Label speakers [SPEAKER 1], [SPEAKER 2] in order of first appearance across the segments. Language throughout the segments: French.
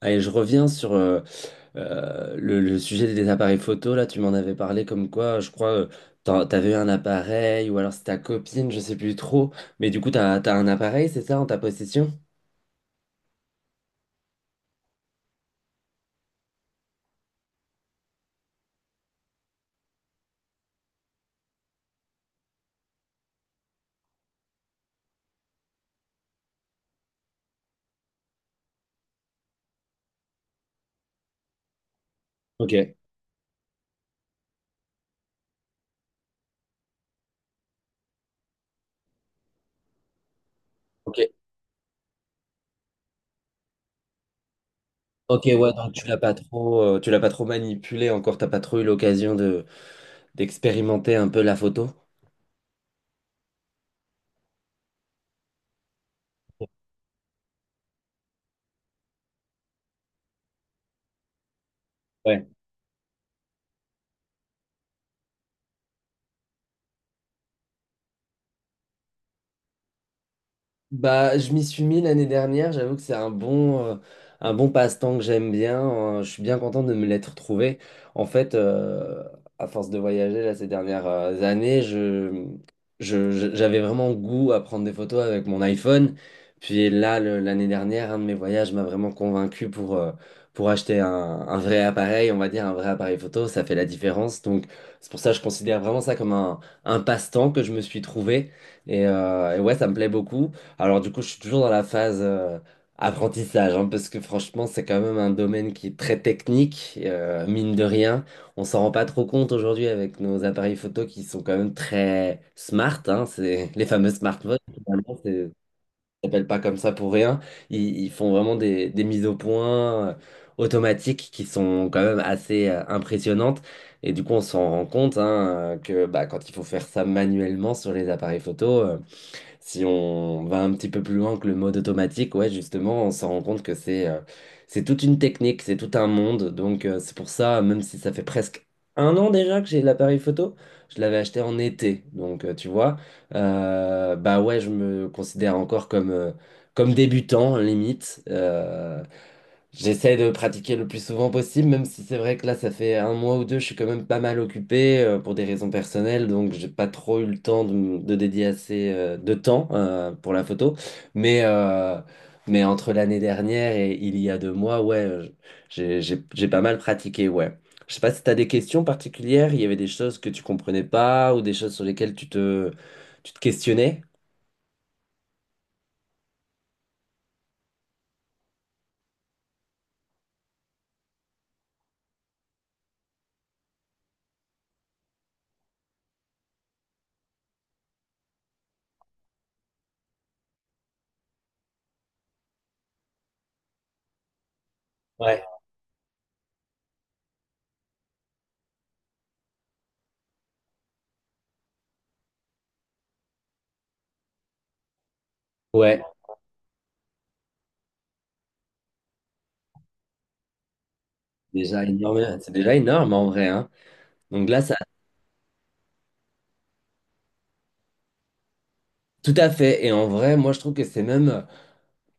[SPEAKER 1] Allez, je reviens sur le sujet des appareils photo. Là, tu m'en avais parlé comme quoi, je crois, t'avais eu un appareil ou alors c'est ta copine, je sais plus trop. Mais du coup, t'as un appareil, c'est ça, en ta possession? Ok. Ok. Ok, ouais, donc tu l'as pas trop, tu l'as pas trop manipulé encore, t'as pas trop eu l'occasion de d'expérimenter un peu la photo. Bah, je m'y suis mis l'année dernière. J'avoue que c'est un bon passe-temps que j'aime bien, hein. Je suis bien content de me l'être trouvé. En fait, à force de voyager là, ces dernières années, j'avais vraiment goût à prendre des photos avec mon iPhone. Puis là, l'année dernière, un de mes voyages m'a vraiment convaincu pour acheter un vrai appareil, on va dire un vrai appareil photo. Ça fait la différence. Donc, c'est pour ça que je considère vraiment ça comme un passe-temps que je me suis trouvé. Et ouais, ça me plaît beaucoup. Alors du coup, je suis toujours dans la phase apprentissage, hein, parce que franchement, c'est quand même un domaine qui est très technique, mine de rien. On s'en rend pas trop compte aujourd'hui avec nos appareils photo qui sont quand même très smart, hein, c'est les fameux smartphones, finalement, ça s'appelle pas comme ça pour rien. Ils font vraiment des mises au point automatiques qui sont quand même assez impressionnantes. Et du coup, on s'en rend compte hein, que bah, quand il faut faire ça manuellement sur les appareils photo. Si on va un petit peu plus loin que le mode automatique, ouais, justement, on s'en rend compte que c'est toute une technique, c'est tout un monde. Donc c'est pour ça, même si ça fait presque un an déjà que j'ai l'appareil photo, je l'avais acheté en été. Donc tu vois, bah ouais, je me considère encore comme débutant limite. J'essaie de pratiquer le plus souvent possible, même si c'est vrai que là, ça fait un mois ou deux, je suis quand même pas mal occupé pour des raisons personnelles, donc j'ai pas trop eu le temps de, de dédier assez de temps pour la photo. Mais, euh, mais entre l'année dernière et il y a deux mois, ouais, j'ai pas mal pratiqué, ouais. Je sais pas si t'as des questions particulières, il y avait des choses que tu comprenais pas ou des choses sur lesquelles tu te questionnais. Ouais. Ouais, déjà énorme, c'est déjà énorme en vrai, hein. Donc là, ça Tout à fait. Et en vrai, moi, je trouve que c'est même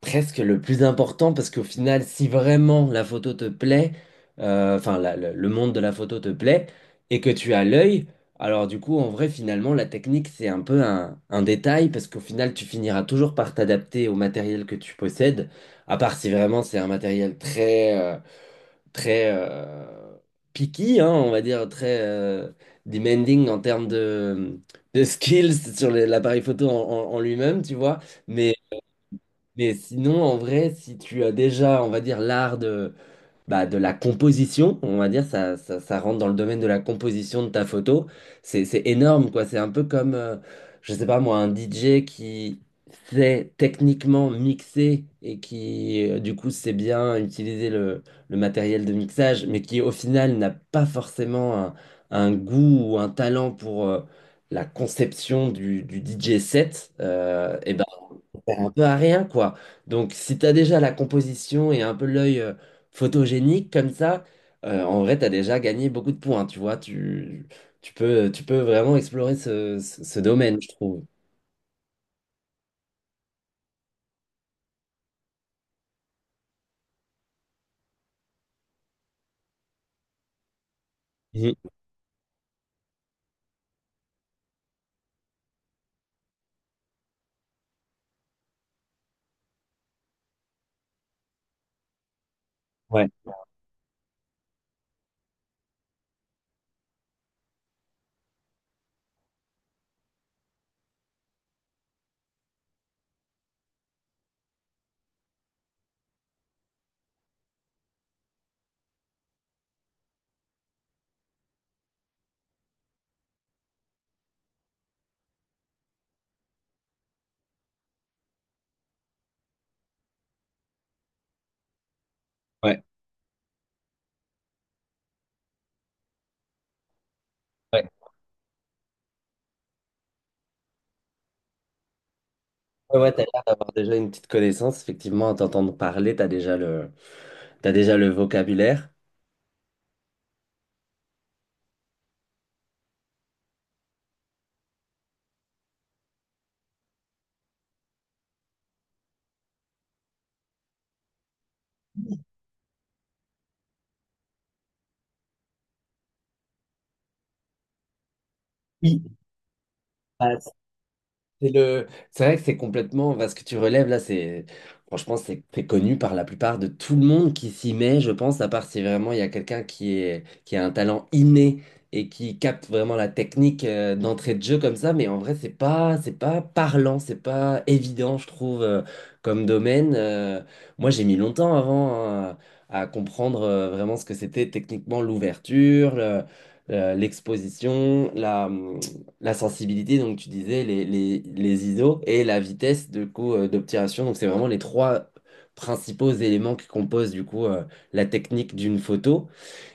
[SPEAKER 1] presque le plus important parce qu'au final, si vraiment la photo te plaît, enfin, le monde de la photo te plaît et que tu as l'œil, alors du coup, en vrai, finalement, la technique, c'est un peu un détail parce qu'au final, tu finiras toujours par t'adapter au matériel que tu possèdes, à part si vraiment c'est un matériel très picky, hein, on va dire, très demanding en termes de skills sur l'appareil photo en, en lui-même, tu vois. Mais, mais sinon, en vrai, si tu as déjà, on va dire, l'art de la composition, on va dire, ça rentre dans le domaine de la composition de ta photo. C'est énorme, quoi. C'est un peu comme, je sais pas moi, un DJ qui sait techniquement mixer et qui, du coup, sait bien utiliser le matériel de mixage, mais qui, au final, n'a pas forcément un goût ou un talent pour la conception du DJ set, et ben, un peu à rien, quoi. Donc, si t'as déjà la composition et un peu l'œil photogénique comme ça, en vrai, t'as déjà gagné beaucoup de points, tu vois. Tu peux vraiment explorer ce, ce domaine, je trouve. Mhm. Ouais, ouais, ouais. Ouais, ouais, t'as l'air d'avoir déjà une petite connaissance. Effectivement, à t'entendre parler, t'as déjà le vocabulaire. Oui. C'est vrai que c'est complètement. Parce que tu relèves là, c'est franchement c'est connu par la plupart de tout le monde qui s'y met, je pense, à part si vraiment il y a quelqu'un qui a un talent inné et qui capte vraiment la technique d'entrée de jeu comme ça. Mais en vrai, c'est pas parlant, c'est pas évident, je trouve, comme domaine. Moi, j'ai mis longtemps avant hein, à comprendre vraiment ce que c'était techniquement l'ouverture, l'exposition, la sensibilité, donc tu disais, les ISO et la vitesse de coup d'obturation. Donc c'est vraiment les trois principaux éléments qui composent du coup la technique d'une photo.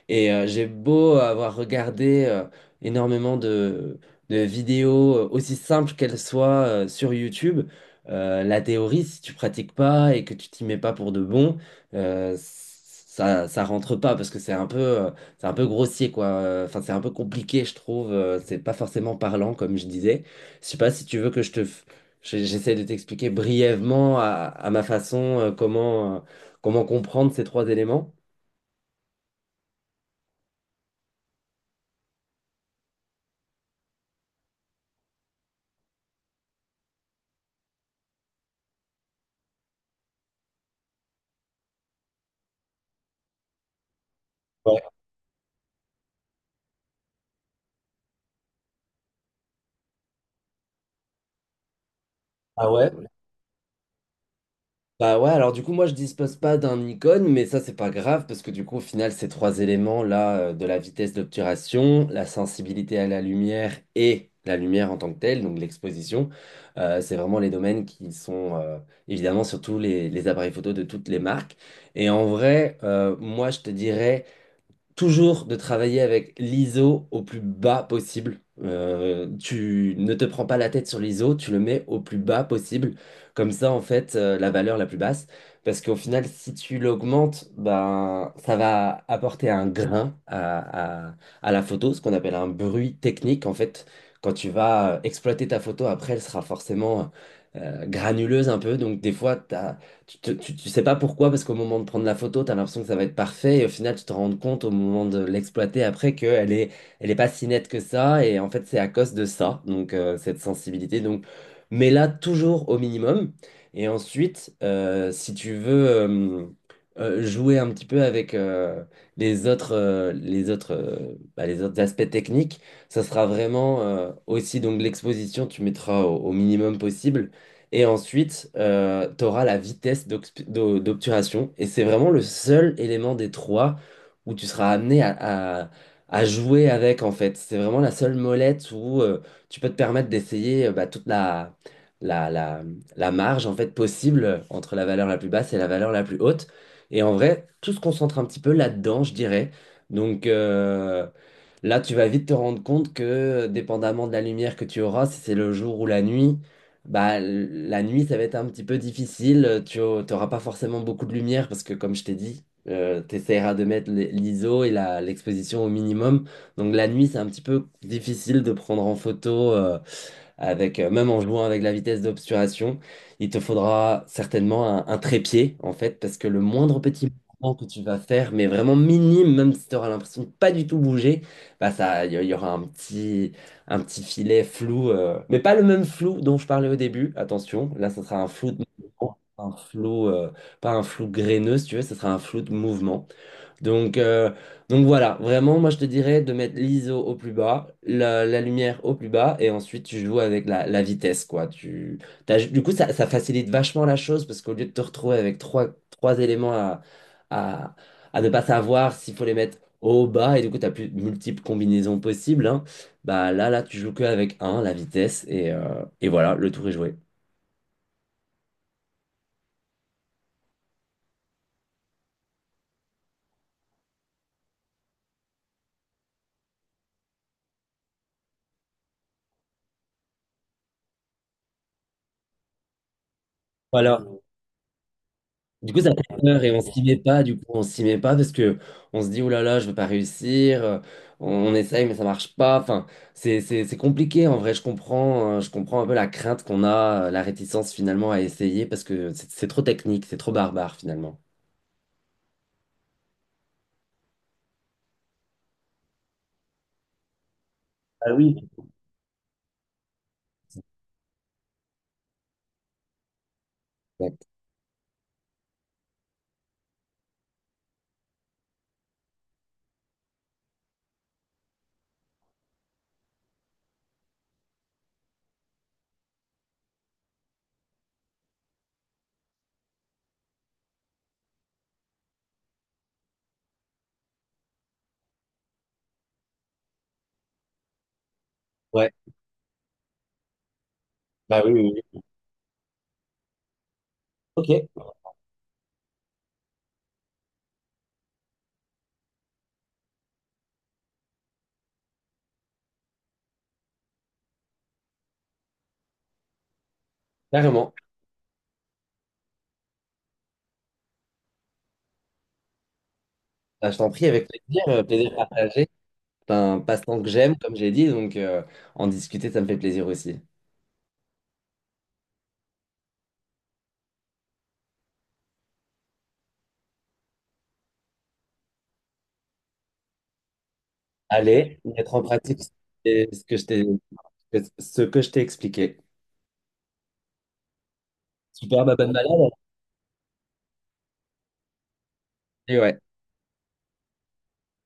[SPEAKER 1] Et j'ai beau avoir regardé énormément de vidéos, aussi simples qu'elles soient, sur YouTube, la théorie, si tu pratiques pas et que tu t'y mets pas pour de bon, ça, ça rentre pas parce que c'est un peu grossier, quoi. Enfin, c'est un peu compliqué, je trouve. C'est pas forcément parlant, comme je disais. Je sais pas si tu veux que je te... f- j'ai- J'essaie de t'expliquer brièvement à ma façon, comment comprendre ces trois éléments. Ouais. Ah ouais? Bah ouais, alors du coup, moi je dispose pas d'un icône, mais ça c'est pas grave parce que du coup, au final, ces trois éléments là, de la vitesse d'obturation, la sensibilité à la lumière et la lumière en tant que telle, donc l'exposition, c'est vraiment les domaines qui sont évidemment surtout les appareils photo de toutes les marques. Et en vrai, moi je te dirais toujours de travailler avec l'ISO au plus bas possible. Tu ne te prends pas la tête sur l'ISO, tu le mets au plus bas possible. Comme ça, en fait, la valeur la plus basse. Parce qu'au final, si tu l'augmentes, ben, ça va apporter un grain à la photo, ce qu'on appelle un bruit technique. En fait, quand tu vas exploiter ta photo, après, elle sera forcément granuleuse un peu. Donc, des fois, tu sais pas pourquoi, parce qu'au moment de prendre la photo, tu as l'impression que ça va être parfait, et au final, tu te rends compte au moment de l'exploiter après qu'elle est pas si nette que ça, et en fait, c'est à cause de ça, donc cette sensibilité. Donc, mais là, toujours au minimum. Et ensuite, si tu veux jouer un petit peu avec les autres aspects techniques, ça sera vraiment aussi donc l'exposition, tu mettras au minimum possible. Et ensuite, tu auras la vitesse d'obturation. Et c'est vraiment le seul élément des trois où tu seras amené à jouer avec, en fait. C'est vraiment la seule molette où tu peux te permettre d'essayer toute la, la, la marge en fait, possible entre la valeur la plus basse et la valeur la plus haute. Et en vrai, tout se concentre un petit peu là-dedans, je dirais. Donc, euh, Là, tu vas vite te rendre compte que, dépendamment de la lumière que tu auras, si c'est le jour ou la nuit, bah, la nuit, ça va être un petit peu difficile. Tu n'auras pas forcément beaucoup de lumière parce que, comme je t'ai dit, tu essaieras de mettre l'ISO et l'exposition au minimum. Donc, la nuit, c'est un petit peu difficile de prendre en photo même en jouant avec la vitesse d'obturation, il te faudra certainement un trépied, en fait, parce que le moindre petit mouvement que tu vas faire, mais vraiment minime, même si tu auras l'impression de pas du tout bouger, bah ça, il y aura un petit filet flou, mais pas le même flou dont je parlais au début, attention, là, ce sera un flou de mouvement, pas un flou graineux, si tu veux, ce sera un flou de mouvement. Donc, euh, donc voilà, vraiment, moi je te dirais de mettre l'ISO au plus bas, la lumière au plus bas, et ensuite tu joues avec la vitesse, quoi. Du coup, ça facilite vachement la chose parce qu'au lieu de te retrouver avec trois éléments à, à ne pas savoir s'il faut les mettre haut ou bas, et du coup, tu as plus de multiples combinaisons possibles, hein, bah là, tu joues que avec la vitesse, et voilà, le tour est joué. Voilà. Du coup, ça fait peur et on s'y met pas, du coup, on s'y met pas parce que on se dit, oh là là, je vais pas réussir, on essaye mais ça marche pas. Enfin, c'est compliqué en vrai, je comprends un peu la crainte qu'on a, la réticence finalement à essayer parce que c'est trop technique, c'est trop barbare finalement. Ah oui. Exact. Ouais, bah oui, oui, oui. Ok, carrément. Bah, je t'en prie, avec plaisir, plaisir partagé. C'est un passe-temps que j'aime, comme j'ai dit, donc en discuter, ça me fait plaisir aussi. Allez, mettre en pratique ce que je t'ai expliqué. Super bonne Malade. Et ouais.